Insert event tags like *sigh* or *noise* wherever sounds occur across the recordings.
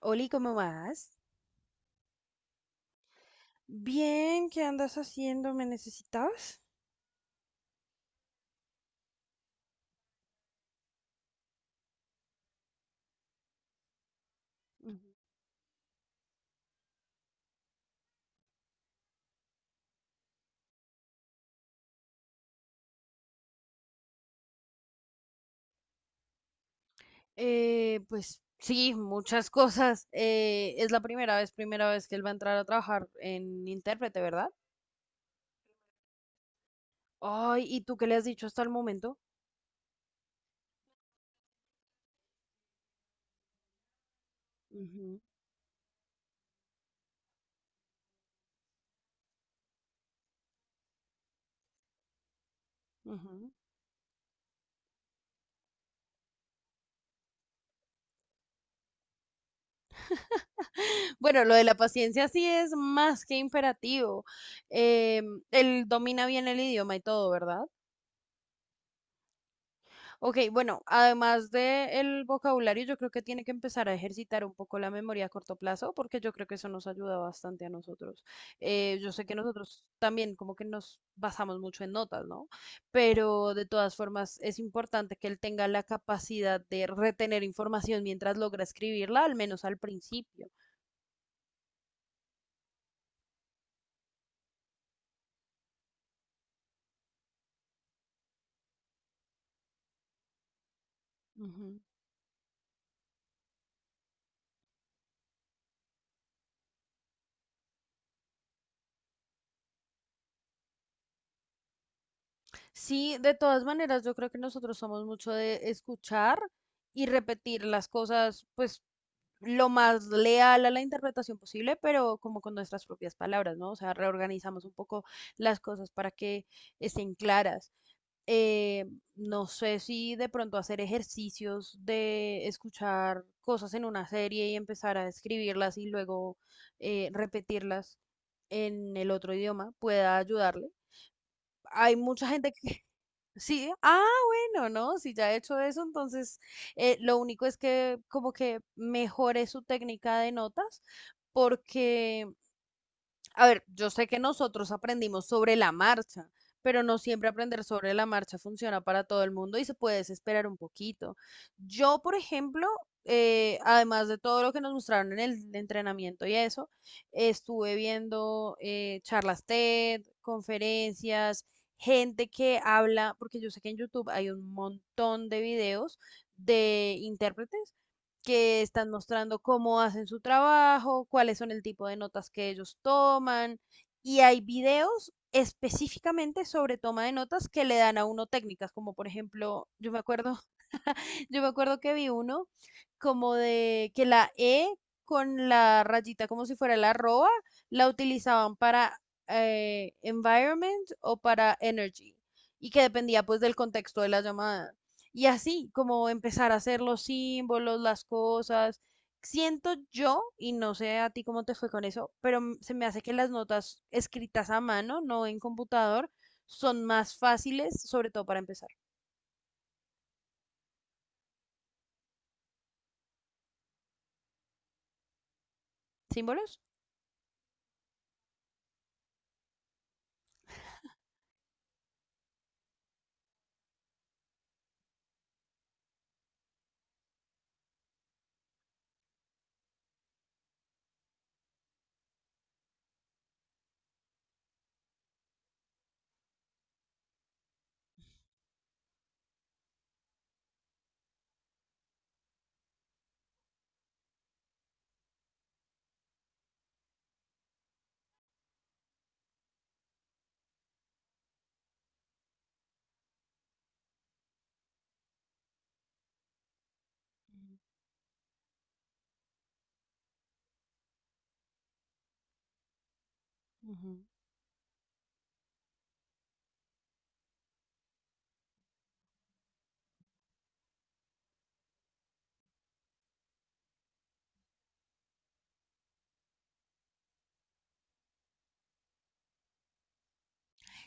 Oli, ¿cómo vas? Bien, ¿qué andas haciendo? ¿Me necesitabas? Ujú. Pues sí, muchas cosas. Es la primera vez que él va a entrar a trabajar en intérprete, ¿verdad? Ay, ¿y tú qué le has dicho hasta el momento? Ujú, ujú. Bueno, lo de la paciencia sí es más que imperativo. Él domina bien el idioma y todo, ¿verdad? Ok, bueno, además del vocabulario, yo creo que tiene que empezar a ejercitar un poco la memoria a corto plazo, porque yo creo que eso nos ayuda bastante a nosotros. Yo sé que nosotros también como que nos basamos mucho en notas, ¿no? Pero de todas formas es importante que él tenga la capacidad de retener información mientras logra escribirla, al menos al principio. Ujú. Sí, de todas maneras, yo creo que nosotros somos mucho de escuchar y repetir las cosas, pues lo más leal a la interpretación posible, pero como con nuestras propias palabras, ¿no? O sea, reorganizamos un poco las cosas para que estén claras. Eh, no sé si de pronto hacer ejercicios de escuchar cosas en una serie y empezar a escribirlas y luego repetirlas en el otro idioma pueda ayudarle. Hay mucha gente que sí, ah, bueno, no, si ya he hecho eso, entonces lo único es que como que mejore su técnica de notas, porque a ver, yo sé que nosotros aprendimos sobre la marcha, pero no siempre aprender sobre la marcha funciona para todo el mundo y se puede desesperar un poquito. Yo, por ejemplo, además de todo lo que nos mostraron en el entrenamiento y eso, estuve viendo charlas TED, conferencias, gente que habla, porque yo sé que en YouTube hay un montón de videos de intérpretes que están mostrando cómo hacen su trabajo, cuáles son el tipo de notas que ellos toman y hay videos específicamente sobre toma de notas que le dan a uno técnicas, como por ejemplo, yo me acuerdo. *laughs* Yo me acuerdo que vi uno como de que la E con la rayita como si fuera la arroba la utilizaban para environment o para energy y que dependía pues del contexto de la llamada. Y así como empezar a hacer los símbolos, las cosas. Siento yo, y no sé a ti cómo te fue con eso, pero se me hace que las notas escritas a mano, no en computador, son más fáciles, sobre todo para empezar. ¿Símbolos?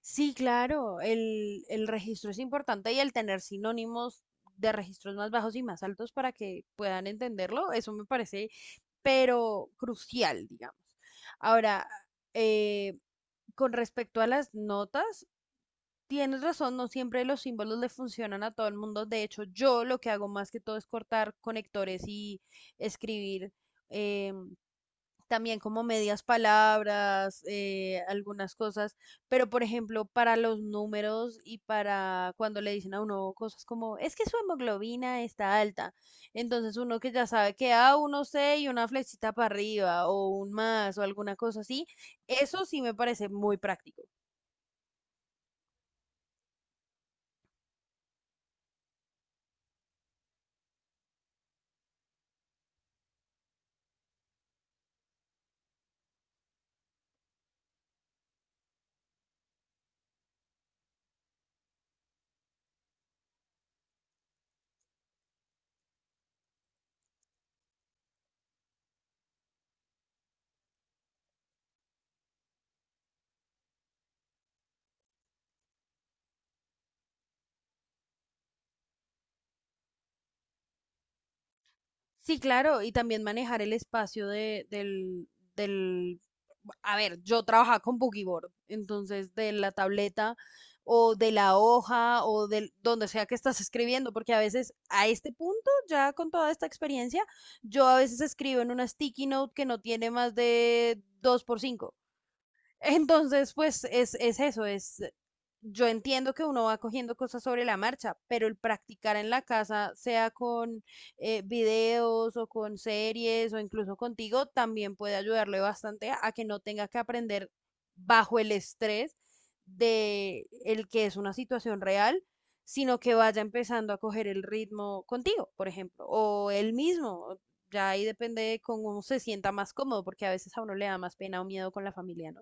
Sí, claro, el registro es importante y el tener sinónimos de registros más bajos y más altos para que puedan entenderlo, eso me parece, pero crucial, digamos. Ahora, eh, con respecto a las notas, tienes razón, no siempre los símbolos le funcionan a todo el mundo. De hecho, yo lo que hago más que todo es cortar conectores y escribir. eh, También como medias palabras, algunas cosas, pero por ejemplo, para los números y para cuando le dicen a uno cosas como, es que su hemoglobina está alta, entonces uno que ya sabe que a uno C y una flechita para arriba o un más o alguna cosa así, eso sí me parece muy práctico. Sí, claro, y también manejar el espacio del, a ver, yo trabajaba con Boogie Board, entonces de la tableta o de la hoja o del donde sea que estás escribiendo, porque a veces a este punto, ya con toda esta experiencia, yo a veces escribo en una sticky note que no tiene más de 2 por 5. Entonces, pues es eso, yo entiendo que uno va cogiendo cosas sobre la marcha, pero el practicar en la casa, sea con videos o con series o incluso contigo, también puede ayudarle bastante a que no tenga que aprender bajo el estrés de el que es una situación real, sino que vaya empezando a coger el ritmo contigo, por ejemplo, o él mismo. Ya ahí depende de cómo uno se sienta más cómodo, porque a veces a uno le da más pena o miedo con la familia, ¿no?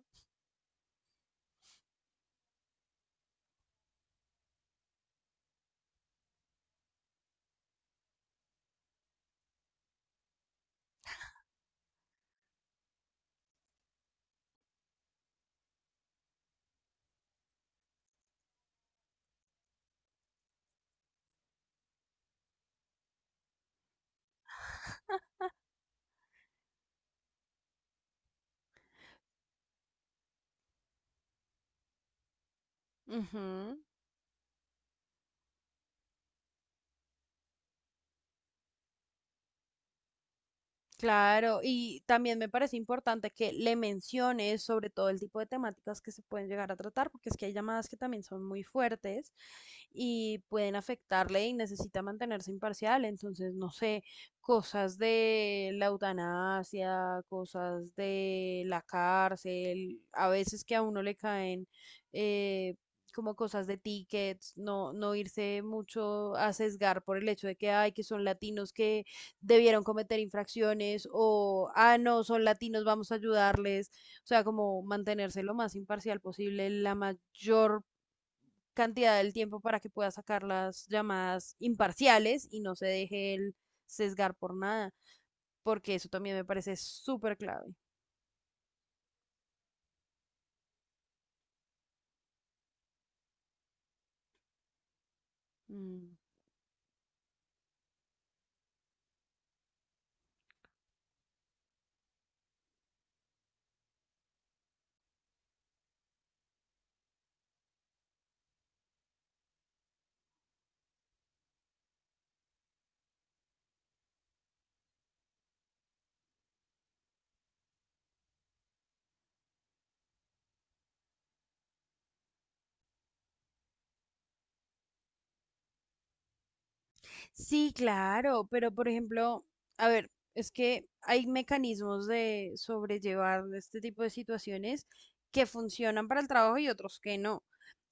Ujú, claro, y también me parece importante que le menciones sobre todo el tipo de temáticas que se pueden llegar a tratar, porque es que hay llamadas que también son muy fuertes y pueden afectarle y necesita mantenerse imparcial. Entonces, no sé, cosas de la eutanasia, cosas de la cárcel, a veces que a uno le caen eh, como cosas de tickets, no, no irse mucho a sesgar por el hecho de que, ay, que son latinos que debieron cometer infracciones o, ah, no, son latinos, vamos a ayudarles. O sea, como mantenerse lo más imparcial posible la mayor cantidad del tiempo para que pueda sacar las llamadas imparciales y no se deje el sesgar por nada, porque eso también me parece súper clave. Mm. Sí, claro, pero por ejemplo, a ver, es que hay mecanismos de sobrellevar este tipo de situaciones que funcionan para el trabajo y otros que no.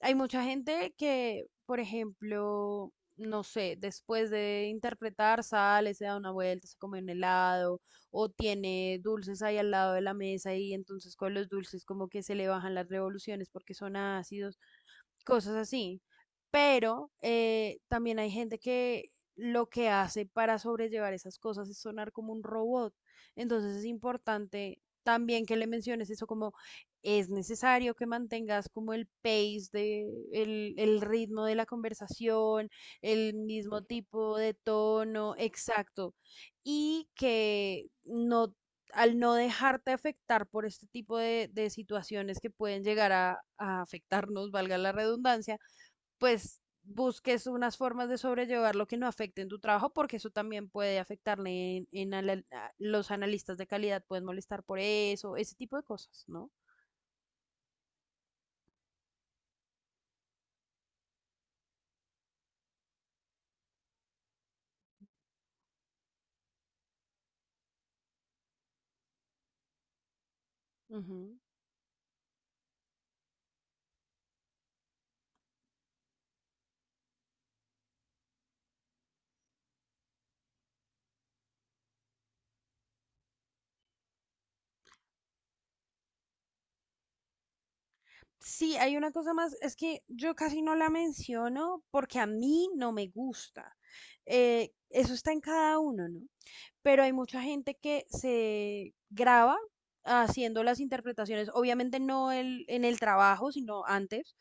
Hay mucha gente que, por ejemplo, no sé, después de interpretar, sale, se da una vuelta, se come un helado o tiene dulces ahí al lado de la mesa y entonces con los dulces como que se le bajan las revoluciones porque son ácidos, cosas así. Pero también hay gente que lo que hace para sobrellevar esas cosas es sonar como un robot. Entonces es importante también que le menciones eso como es necesario que mantengas como el pace el ritmo de la conversación, el mismo tipo de tono, exacto, y que no al no dejarte afectar por este tipo de situaciones que pueden llegar a afectarnos, valga la redundancia, pues busques unas formas de sobrellevar lo que no afecte en tu trabajo, porque eso también puede afectarle en los analistas de calidad, pueden molestar por eso, ese tipo de cosas, ¿no? Ujú. Sí, hay una cosa más, es que yo casi no la menciono porque a mí no me gusta. Eso está en cada uno, ¿no? Pero hay mucha gente que se graba haciendo las interpretaciones, obviamente no el- en el trabajo, sino antes,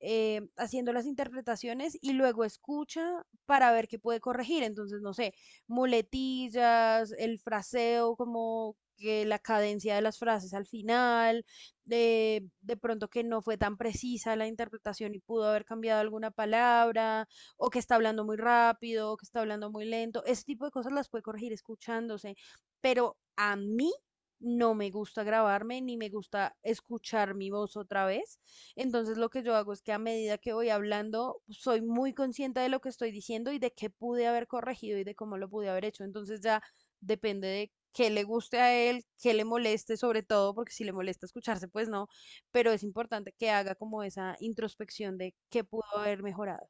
haciendo las interpretaciones y luego escucha para ver qué puede corregir. Entonces, no sé, muletillas, el fraseo, como que la cadencia de las frases al final de pronto que no fue tan precisa la interpretación y pudo haber cambiado alguna palabra, o que está hablando muy rápido, o que está hablando muy lento. Ese tipo de cosas las puede corregir escuchándose, pero a mí no me gusta grabarme ni me gusta escuchar mi voz otra vez. Entonces lo que yo hago es que a medida que voy hablando, soy muy consciente de lo que estoy diciendo y de qué pude haber corregido y de cómo lo pude haber hecho. Entonces ya depende de qué le guste a él, qué le moleste sobre todo, porque si le molesta escucharse, pues no, pero es importante que haga como esa introspección de qué pudo haber mejorado.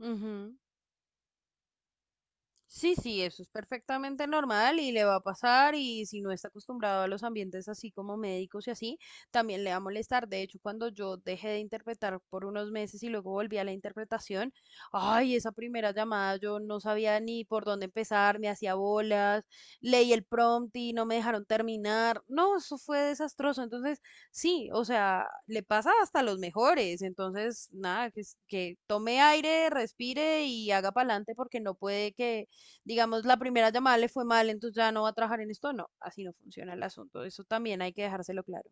Ujú. Sí, sí, eso es perfectamente normal y le va a pasar y si no está acostumbrado a los ambientes así como médicos y así, también le va a molestar. De hecho, cuando yo dejé de interpretar por unos meses y luego volví a la interpretación, ay, esa primera llamada yo no sabía ni por dónde empezar, me hacía bolas, leí el prompt y no me dejaron terminar. No, eso fue desastroso. Entonces, sí, o sea, le pasa hasta a los mejores. Entonces, nada, que tome aire, respire y haga para adelante porque no puede que digamos, la primera llamada le fue mal, entonces ya no va a trabajar en esto. No, así no funciona el asunto. Eso también hay que dejárselo claro.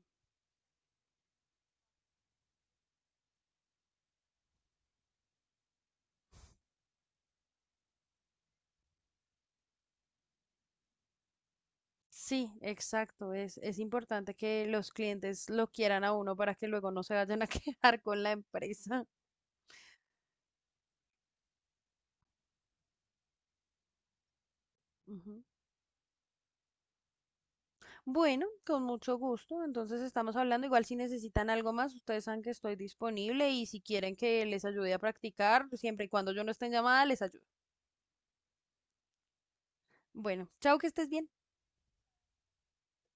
Sí, exacto. Es importante que los clientes lo quieran a uno para que luego no se vayan a *laughs* quejar con la empresa. Ujú. Bueno, con mucho gusto. Entonces estamos hablando. Igual si necesitan algo más, ustedes saben que estoy disponible y si quieren que les ayude a practicar, siempre y cuando yo no esté en llamada, les ayudo. Bueno, chao, que estés bien.